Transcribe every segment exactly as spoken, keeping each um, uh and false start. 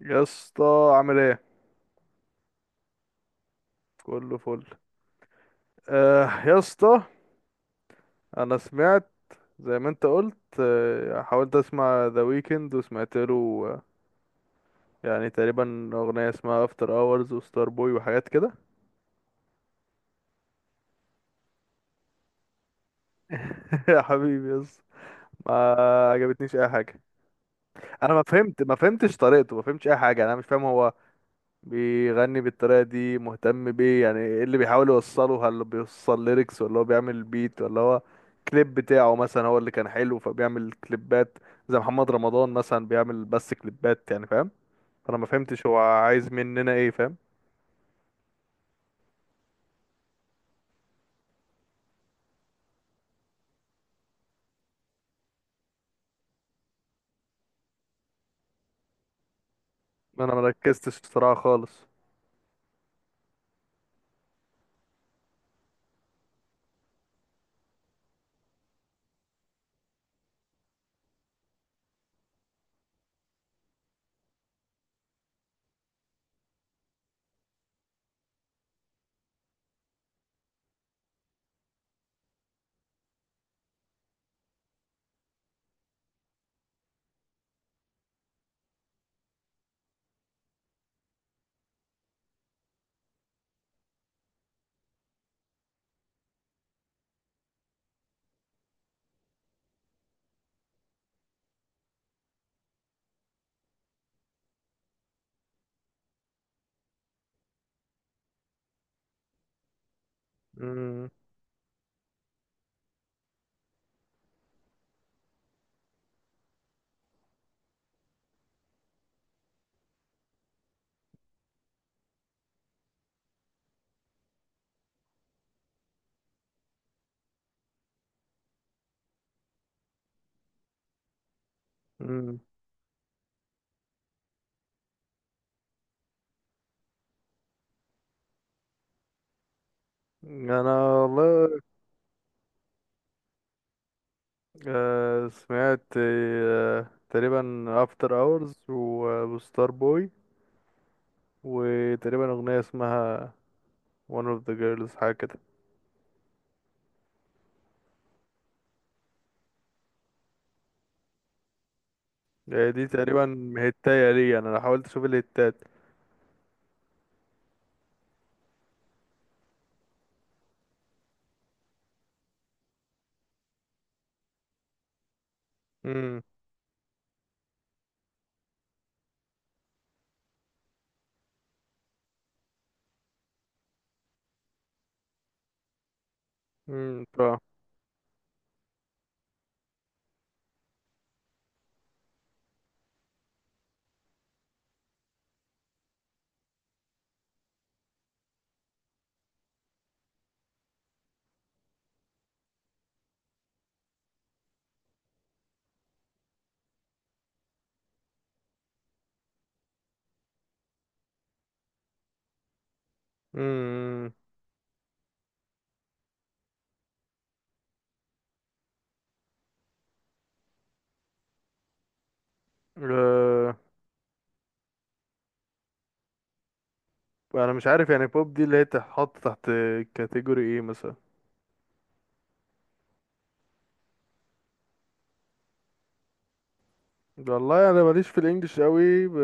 يا اسطى، عامل ايه؟ كله فل. آه يا اسطى، انا سمعت زي ما انت قلت. آه حاولت اسمع ذا ويكند وسمعت له. آه، يعني تقريبا اغنيه اسمها افتر اورز وستار بوي وحاجات كده. يا حبيبي يا اسطى، ما عجبتنيش اي حاجه. انا ما فهمت ما فهمتش طريقته، ما فهمتش اي حاجه. انا مش فاهم هو بيغني بالطريقة دي مهتم بيه. يعني ايه اللي بيحاول يوصله؟ هل بيوصل ليركس ولا هو بيعمل بيت ولا هو كليب بتاعه مثلا هو اللي كان حلو، فبيعمل كليبات زي محمد رمضان مثلا، بيعمل بس كليبات يعني، فاهم؟ فانا ما فهمتش هو عايز مننا ايه، فاهم؟ انا ما ركزتش الصراحة خالص. مم. مم. انا والله آه، سمعت آه، تقريبا افتر اورز وستار بوي، وتقريبا اغنية اسمها one of the girls حاجة كده. يعني دي تقريبا هتاية لي، انا لو حاولت اشوف الهتات. امم. امم اه. امم. آه، انا مش عارف، يعني بوب دي اللي هي تتحط تحت كاتيجوري ايه مثلا؟ والله انا ماليش في الانجليش قوي، ب...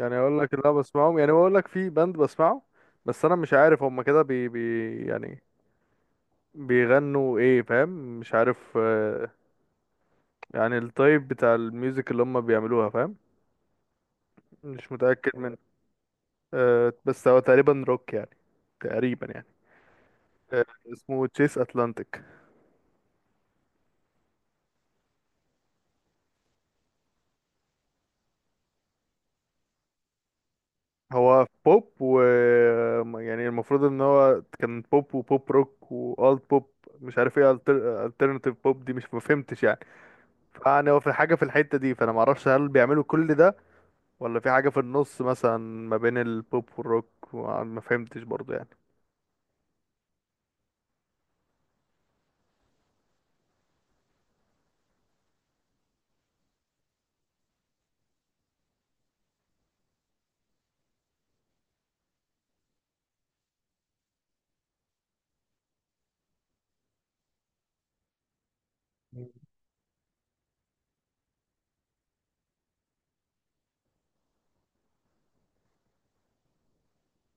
يعني اقول لك اللي انا بسمعهم، يعني بقول لك في باند بسمعه. بس انا مش عارف هم كده بي... بي يعني بيغنوا ايه، فاهم؟ مش عارف آه، يعني التايب بتاع الميوزك اللي هم بيعملوها، فاهم؟ مش متأكد من... آه، بس هو تقريبا روك يعني. تقريبا يعني. آه، اسمه تشيس اتلانتيك. هو بوب و... يعني المفروض ان هو كان بوب وبوب روك والت بوب، مش عارف ايه. الترناتيف بوب دي مش مفهمتش يعني. فيعني هو في حاجه في الحته دي، فانا معرفش هل بيعملوا كل ده ولا في حاجه في النص مثلا ما بين البوب والروك. ما فهمتش برضو يعني.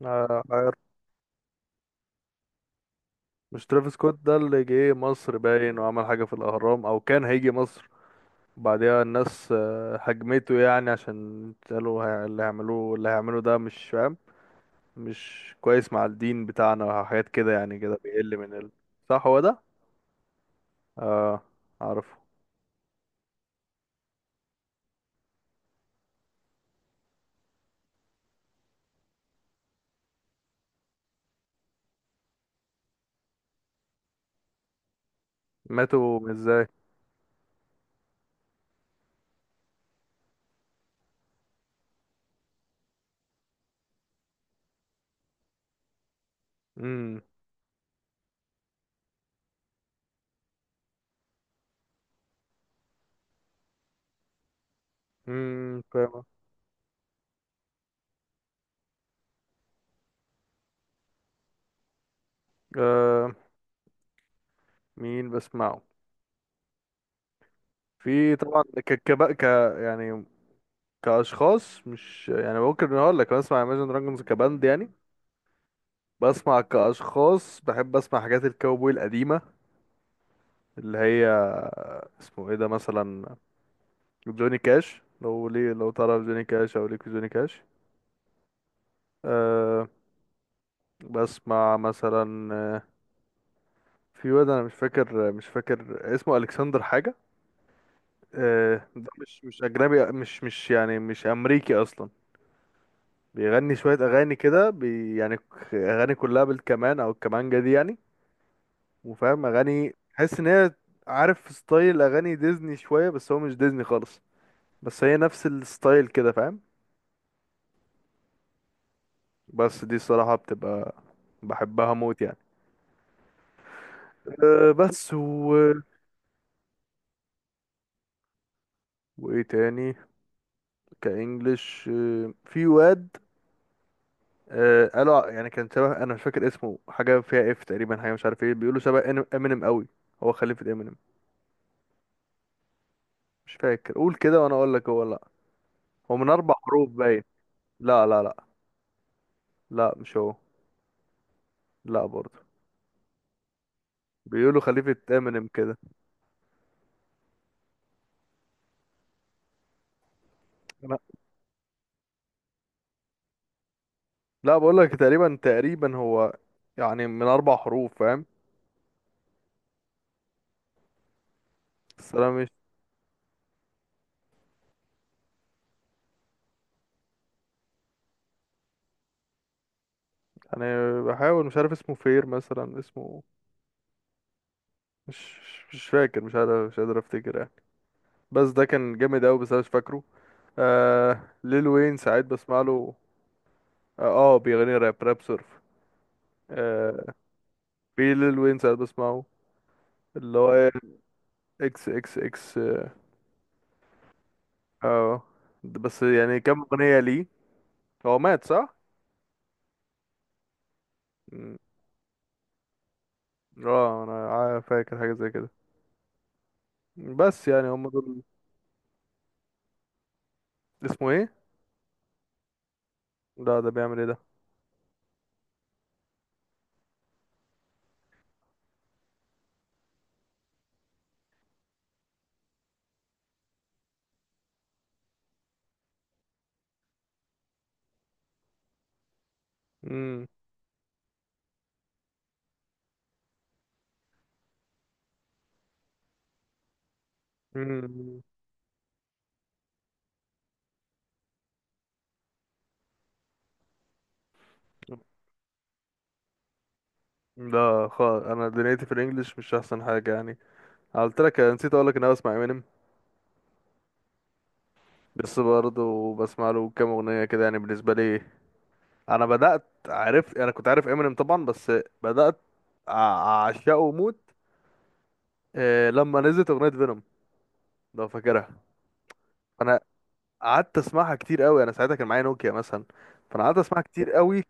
آه، عارف. مش ترافيس سكوت ده اللي جه مصر باين وعمل حاجه في الاهرام، او كان هيجي مصر بعدها الناس آه، هجمته يعني، عشان قالوا هي- اللي هيعملوه، اللي هيعمله ده مش فاهم، مش كويس مع الدين بتاعنا وحاجات كده يعني، كده بيقل من ال... صح، هو ده. اه، اعرفه. ماتوا ازاي؟ امم. امم فاهم. آه، مين بسمعه؟ في طبعا ك كب... ك يعني كاشخاص، مش يعني، ممكن اقول لك بسمع Imagine Dragons كباند يعني. بسمع كاشخاص، بحب اسمع حاجات الكاوبوي القديمه، اللي هي اسمه ايه ده مثلا، جوني كاش. لو ليه، لو تعرف جوني كاش او ليك في جوني كاش. أه. بسمع مثلا آه، في واد انا مش فاكر مش فاكر اسمه الكسندر حاجه. أه ده مش مش اجنبي، مش مش يعني مش امريكي اصلا. بيغني شويه اغاني كده بي يعني ك- اغاني كلها بالكمان او الكمانجه دي يعني. وفاهم اغاني تحس ان هي، عارف، ستايل اغاني ديزني شويه بس هو مش ديزني خالص، بس هي نفس الستايل كده، فاهم؟ بس دي الصراحة بتبقى بحبها موت يعني. أه بس و... وايه تاني؟ كإنجليش أه في واد، أه قالوا ع- يعني كان شبه، انا مش فاكر اسمه، حاجة فيها اف تقريبا، حاجة مش عارف ايه، بيقولوا شبه إن- امينيم قوي، هو خليفة امينيم. مش فاكر، قول كده وانا اقول لك هو. لا، هو من اربع حروف باين. لا لا لا. لا مش هو. لا برضه. بيقولوا خليفة امينيم كده. لا. لا، بقول لك تقريبا، تقريبا هو يعني من اربع حروف، فاهم؟ بس انا انا بحاول. مش عارف اسمه، فير مثلا اسمه، مش... مش فاكر، مش عارف، مش قادر افتكر يعني، بس ده كان جامد قوي بس انا مش فاكره. آه ليل وين ساعات بسمع له. اه، آه، بيغني راب، راب سيرف. آه. في ليل وين ساعات بسمعه، اللي هو إيه؟ اكس اكس اكس اه. آه. بس يعني كام اغنية ليه. هو مات، صح؟ مم. اه، انا عا- فاكر حاجة زي كده. بس يعني هم دول. اسمه ايه؟ لا، ده بيعمل ايه ده؟ مم. مم. لا خالص، انا دنيتي في الانجليش مش احسن حاجه يعني. أنا قلت لك نسيت اقول لك ان انا بسمع امينيم. بس برضه بسمع له كام اغنيه كده يعني بالنسبه لي. انا بدات عرفت، انا كنت عارف امينيم طبعا، بس بدات أع- اعشقه موت آه، لما نزلت اغنيه فينوم، لو فاكرها. انا قعدت اسمعها كتير قوي، انا ساعتها كان معايا نوكيا مثلا، فانا قعدت اسمعها كتير قوي.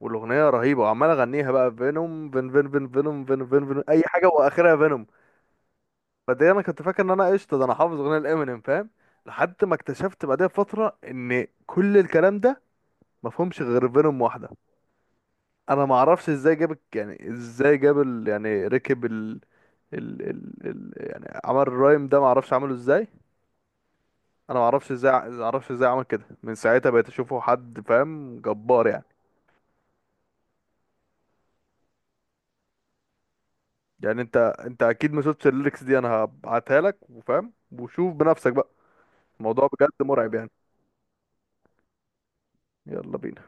والاغنيه رهيبه وعمال اغنيها بقى، فينوم فين فين فين فينوم فين فين فين اي حاجه واخرها فينوم. بعدين انا كنت فاكر ان انا قشطه، ده انا حافظ اغنيه الامينيم، فاهم؟ لحد ما اكتشفت بعدها بفتره ان كل الكلام ده مفهومش غير فينوم واحده. انا ما اعرفش ازاي جاب الك- يعني ازاي جاب ال... يعني ركب ال... ال... ال... ال... يعني عمل الرايم ده، ما اعرفش عمله ازاي. انا ما اعرفش ازاي ع- ما اعرفش ازاي عمل كده. من ساعتها بقيت اشوفه حد، فاهم، جبار يعني. يعني انت انت اكيد ما شفتش الليركس دي، انا هبعتها لك وفاهم، وشوف بنفسك بقى. الموضوع بجد مرعب يعني. يلا بينا.